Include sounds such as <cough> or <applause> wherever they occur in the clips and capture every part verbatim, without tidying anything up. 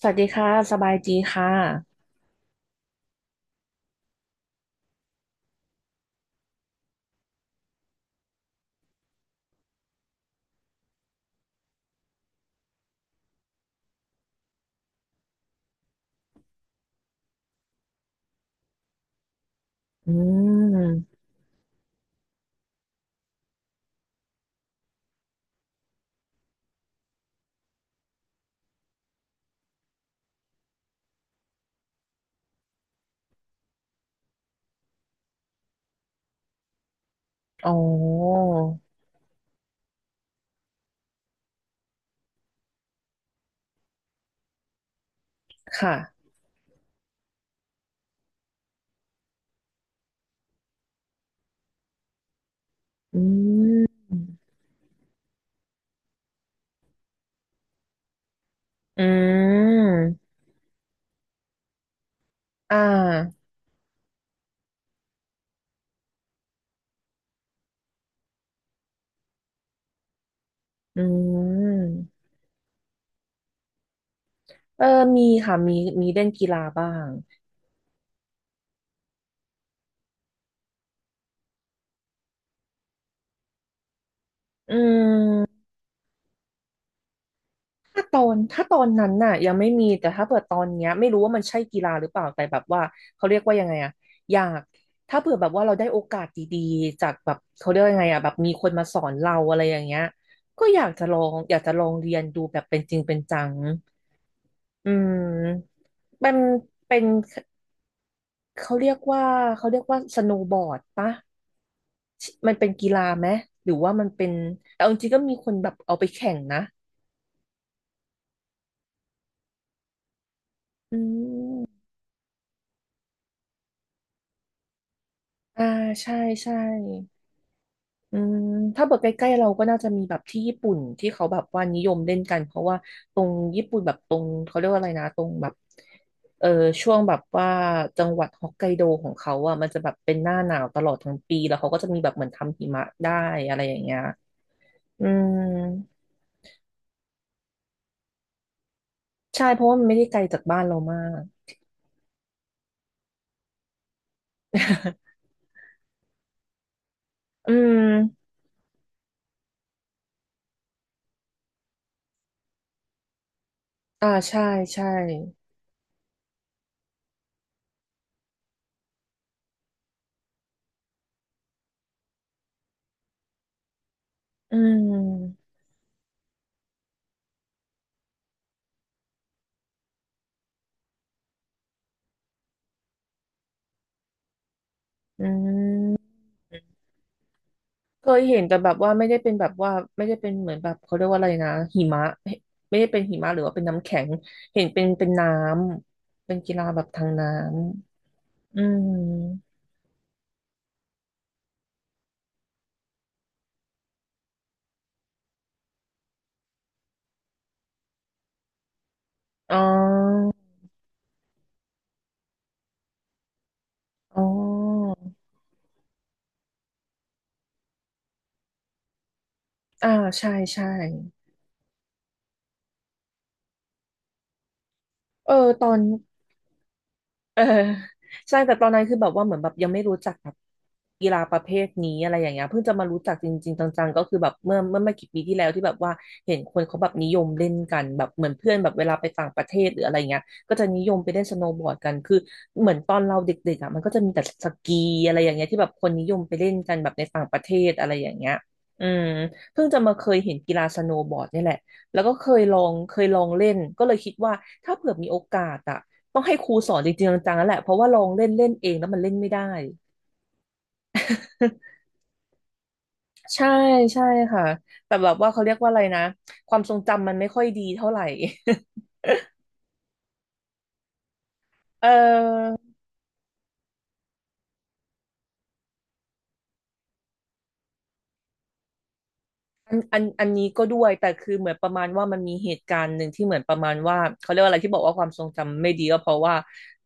สวัสดีค่ะ สบายดีค่ะอืมอ๋อค่ะอืมอืมอ่าอืมเออมีค่ะมีมีเล่นกีฬาบ้าง อืมถ้าตอน ถ้าตอนนั้นน่ะยังไม่มีแต่ถ้าเผื่อตอนเนี้ยไม่รู้ว่ามันใช่กีฬาหรือเปล่าแต่แบบว่าเขาเรียกว่ายังไงอะอยากถ้าเผื่อแบบว่าเราได้โอกาสดีๆจากแบบเขาเรียกว่ายังไงอะแบบมีคนมาสอนเราอะไรอย่างเงี้ยก็อยากจะลองอยากจะลองเรียนดูแบบเป็นจริงเป็นจัง อืมมันเป็นเขาเรียกว่าเขาเรียกว่าสโนว์บอร์ดปะมันเป็นกีฬาไหมหรือว่ามันเป็นแต่เอาจริงๆก็มีคนแบบเอาไปแข่งนะอืมอ่าใช่ใช่อืมถ้าแบบใกล้ๆเราก็น่าจะมีแบบที่ญี่ปุ่นที่เขาแบบว่านิยมเล่นกันเพราะว่าตรงญี่ปุ่นแบบตรงเขาเรียกว่าอะไรนะตรงแบบเออช่วงแบบว่าจังหวัดฮอกไกโดของเขาอ่ะมันจะแบบเป็นหน้าหนาวตลอดทั้งปีแล้วเขาก็จะมีแบบเหมือนทำหิมะได้อะไรอย่างเงี้ย อืมใช่เพราะว่ามันไม่ได้ไกลจากบ้านเรามาก <laughs> อืมอ่าใช่ใช่อืมอืมเคยเห็นแต่แบบว่าไม่ได้เป็นแบบว่าไม่ได้เป็นเหมือนแบบเขาเรียกว่าอะไรนะหิมะไม่ได้เป็นหิมะหรือว่าเป็นน้ำแข็งเห็นเป็นเป็นน้ำเป็นกีฬาแบบทางน้ำอืมอ๋ออ๋ออ่าใช่ใช่เออตอน เออใช่แต่ตอนนั้นคือแบบว่าเหมือนแบบยังไม่รู้จักแบบกีฬาประเภทนี้อะไรอย่างเงี้ยเพิ่งจะมารู้จักจริงๆจังๆก็คือแบบเมื่อเมื่อไม่กี่ปีที่แล้วที่แบบว่าเห็นคนเขาแบบนิยมเล่นกันแบบเหมือนเพื่อนแบบเวลาไปต่างประเทศหรืออะไรเงี้ยก็จะนิยมไปเล่นสโนว์บอร์ดกันคือเหมือนตอนเราเด็กๆอ่ะมันก็จะมีแต่สกีอะไรอย่างเงี้ยที่แบบคนนิยมไปเล่นกันแบบในต่างประเทศอะไรอย่างเงี้ยอืมเพิ่งจะมาเคยเห็นกีฬาสโนว์บอร์ดนี่แหละ แล้วก็เคยลองเคยลองเล่นก็เลยคิดว่าถ้าเผื่อมีโอกาสอะต้องให้ครูสอนจริงๆจังๆแล้วแหละเพราะว่าลองเล่นเล่นเองแล้วมันเล่นไม่ได้ <laughs> ใช่ใช่ค่ะแต่แบบว่าเขาเรียกว่าอะไรนะความทรงจำมันไม่ค่อยดีเท่าไหร่ <laughs> เออ อันอันอันนี้ก็ด้วยแต่คือเหมือนประมาณว่ามันมีเหตุการณ์หนึ่งที่เหมือนประมาณว่าเขาเรียกว่าอะไรที่บอกว่าความทรงจำไม่ดีก็เพราะว่า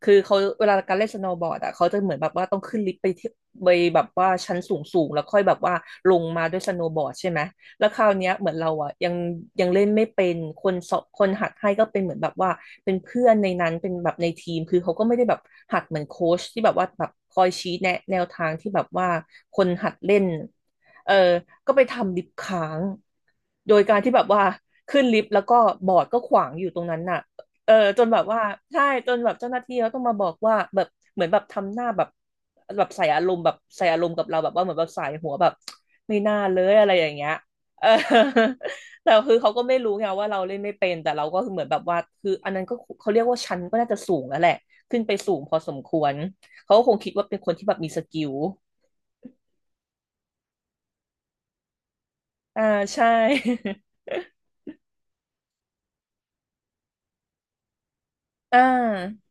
คือเขาเวลาการเล่นสโนว์บอร์ดอ่ะเขาจะเหมือนแบบว่าต้องขึ้นลิฟต์ไปที่ไปแบบว่าชั้นสูงสูงแล้วค่อยแบบว่าลงมาด้วยสโนว์บอร์ดใช่ไหมแล้วคราวเนี้ยเหมือนเราอ่ะยังยังเล่นไม่เป็นคนสอนคนหัดให้ก็เป็นเหมือนแบบว่าเป็นเพื่อนในนั้นเป็นแบบในทีมคือเขาก็ไม่ได้แบบหัดเหมือนโค้ชที่แบบว่าแบบคอยชี้แนะแนวทางที่แบบว่าคนหัดเล่น เออก็ไปทำลิฟต์ค้าง โดยการที่แบบว่าขึ้นลิฟต์แล้วก็บอร์ดก็ขวางอยู่ตรงนั้นน่ะเออจนแบบว่าใช่จนแบบเจ้าหน้าที่เขาต้องมาบอกว่าแบบเหมือนแบบทำหน้าแบบแบบใส่อารมณ์แบบใส่อารมณ์กับเราแบบว่าเหมือนแบบใส่หัวแบบไม่น่าเลยอะไรอย่างเงี้ย <laughs> เออ <laughs> แต่คือเขาก็ไม่รู้ไงว่าเราเล่นไม่เป็นแต่เราก็คือเหมือนแบบว่าคืออันนั้นก็เขาเรียกว่าชั้นก็น่าจะสูงแล้วแหละขึ้นไปสูงพอสมควรเขาก็คงคิดว่าเป็นคนที่แบบมีสกิลอ่าใช่ <laughs> อ่า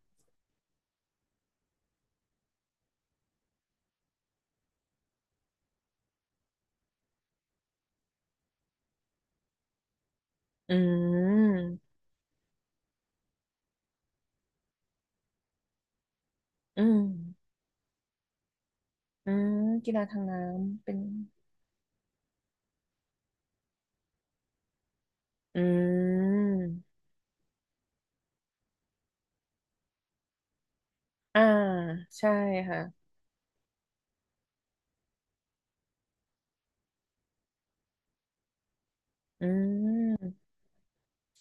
อืมอืมอืมกีฬาทางน้ำเป็นอืมอ่าใช่ค่ะอืม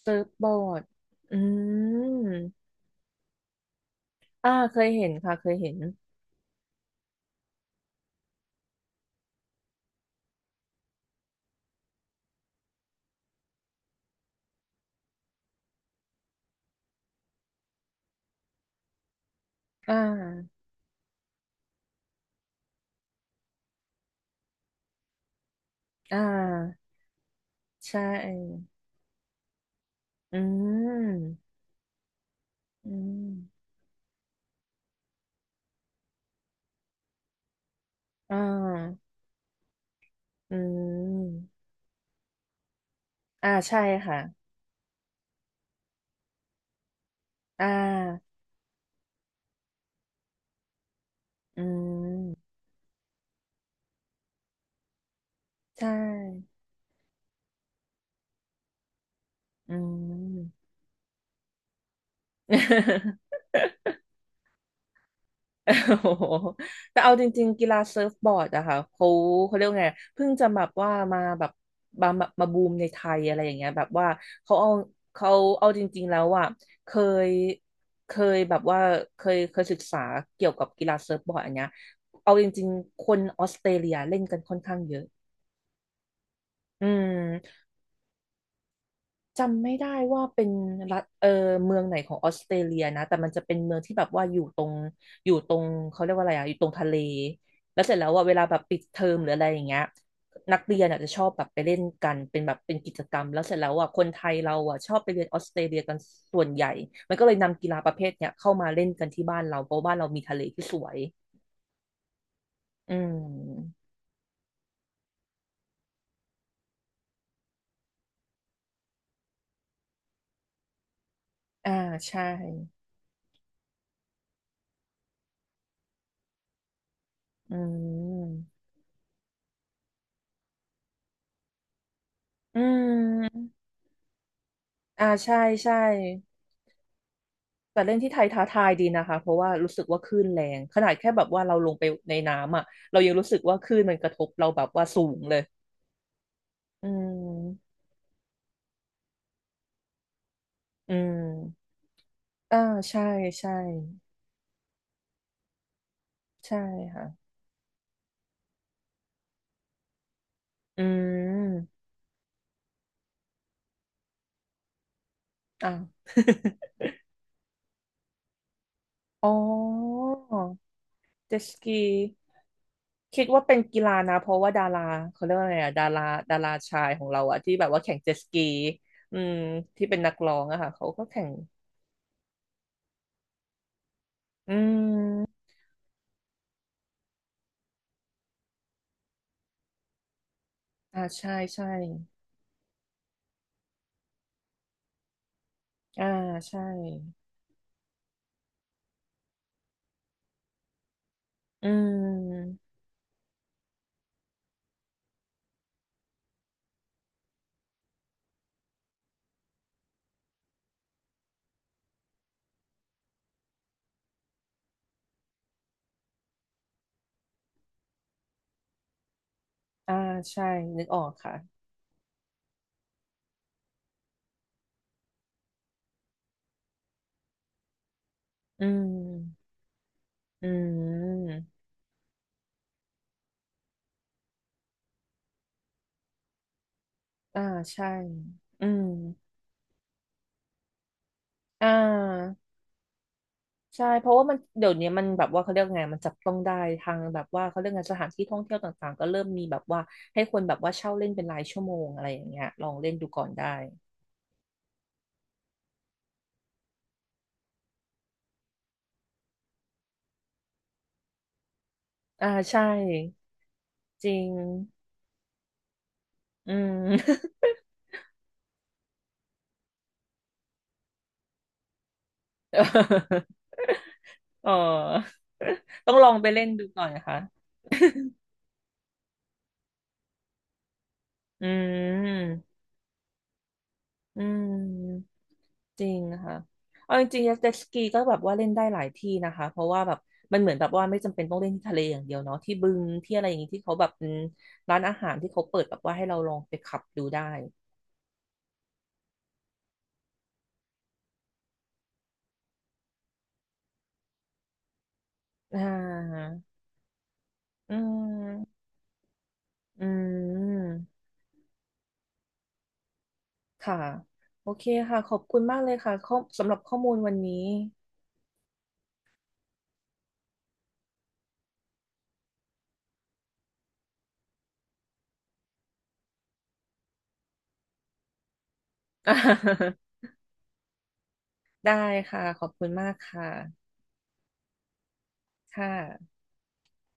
เซิร์ฟบอร์ดอืมอ่าเคยเห็นค่ะเคยเห็นอ่าอ่าใช่อืมอืมอ่าอืมอ่าใช่ค่ะอ่าอืมใช่อืม <laughs> <laughs> โอ้โหแต่เอาจริงๆกีฬาเซิร์ฟบอร์ดอะค่ะเขาเขาเรียกว่าไงเพิ่งจะแบบว่ามาแบบมามามาบูมในไทยอะไรอย่างเงี้ยแบบว่าเขาเอาเขาเอาจริงๆแล้วอะเคยเคยแบบว่าเคยเคยศึกษาเกี่ยวกับกีฬาเซิร์ฟบอร์ดอันเนี้ยเอาจริงๆคนออสเตรเลียเล่นกันค่อนข้างเยอะอืม จำไม่ได้ว่าเป็นรัฐเออเมืองไหนของออสเตรเลียนะแต่มันจะเป็นเมืองที่แบบว่าอยู่ตรงอยู่ตรงเขาเรียกว่าอะไรอ่ะอยู่ตรงทะเลแล้วเสร็จแล้วว่าเวลาแบบปิดเทอมหรืออะไรอย่างเงี้ยนักเรียนอาจจะชอบแบบไปเล่นกันเป็นแบบเป็นกิจกรรมแล้วเสร็จแล้วอ่ะคนไทยเราอ่ะชอบไปเรียนออสเตรเลียกันส่วนใหญ่มันก็เลยนำกีฬาประเภทเนี้ยเข้ามาเล่นกันที่บ้านเราเพราะบ้านเรามีทะเลที่สวยอืมอ่าใช่อืมอืมอ่าใช่ใช่ แต่เล่นที่ไทยท้าทายดีนะคะเพราะว่ารู้สึกว่าคลื่นแรงขนาดแค่แบบว่าเราลงไปในน้ำอ่ะเรายังรู้สึกว่าคลื่นมันกระทบเราแบบว่าสูงเลยอืมอืมอ่าใช่ใช่ใช่ค่ะอืมอ่า <laughs> อ๋อเจสกีคิดว่าเป็นกีฬานะเพราะว่าดาราเขาเรียกว่าอะไรอะดาราดาราชายของเราอะที่แบบว่าแข่งเจสกีอืมที่เป็นนักร้องอะค่ะเขาก็แข่งอืมอ่าใช่ใช่ อ่าใช่อืมอ่าใช่นึกออกค่ะอืมอืมอ่าใช่อืมอ่าใช่เพราะว่ามันเดี๋ยวนี้มันแบบว่าเขาเรียกไงมันจับต้องได้ทางแบบว่าเขาเรียกไงสถานที่ท่องเที่ยวต่างๆก็เริ่มมีแบบว่าให้คนแบบว่าเช่าเล่นเป็นรายชั่วโมงอะไรอย่างเงี้ยลองเล่นดูก่อนได้อ่าใช่จริงอืม <laughs> เออต้องลองไปเล่นดูหน่อยค่ะอืม อืมจริงค่ะเอาจริงๆเจ็ตสกีก็แบบว่าเล่นได้หลายที่นะคะเพราะว่าแบบมันเหมือนแบบว่าไม่จำเป็นต้องเล่นที่ทะเลอย่างเดียวเนาะที่บึงที่อะไรอย่างนี้ที่เขาแบบอืมร้านอาหารที่เขาเปิดแบบว่าให้เราลองไปขับดูได้อ่าอืมอืมค่ะโอเคค่ะขอบคุณมากเลยค่ะข้อสำหรับข้อมูลวันนี้ <laughs> ได้ค่ะขอบคุณมากค่ะค่ะ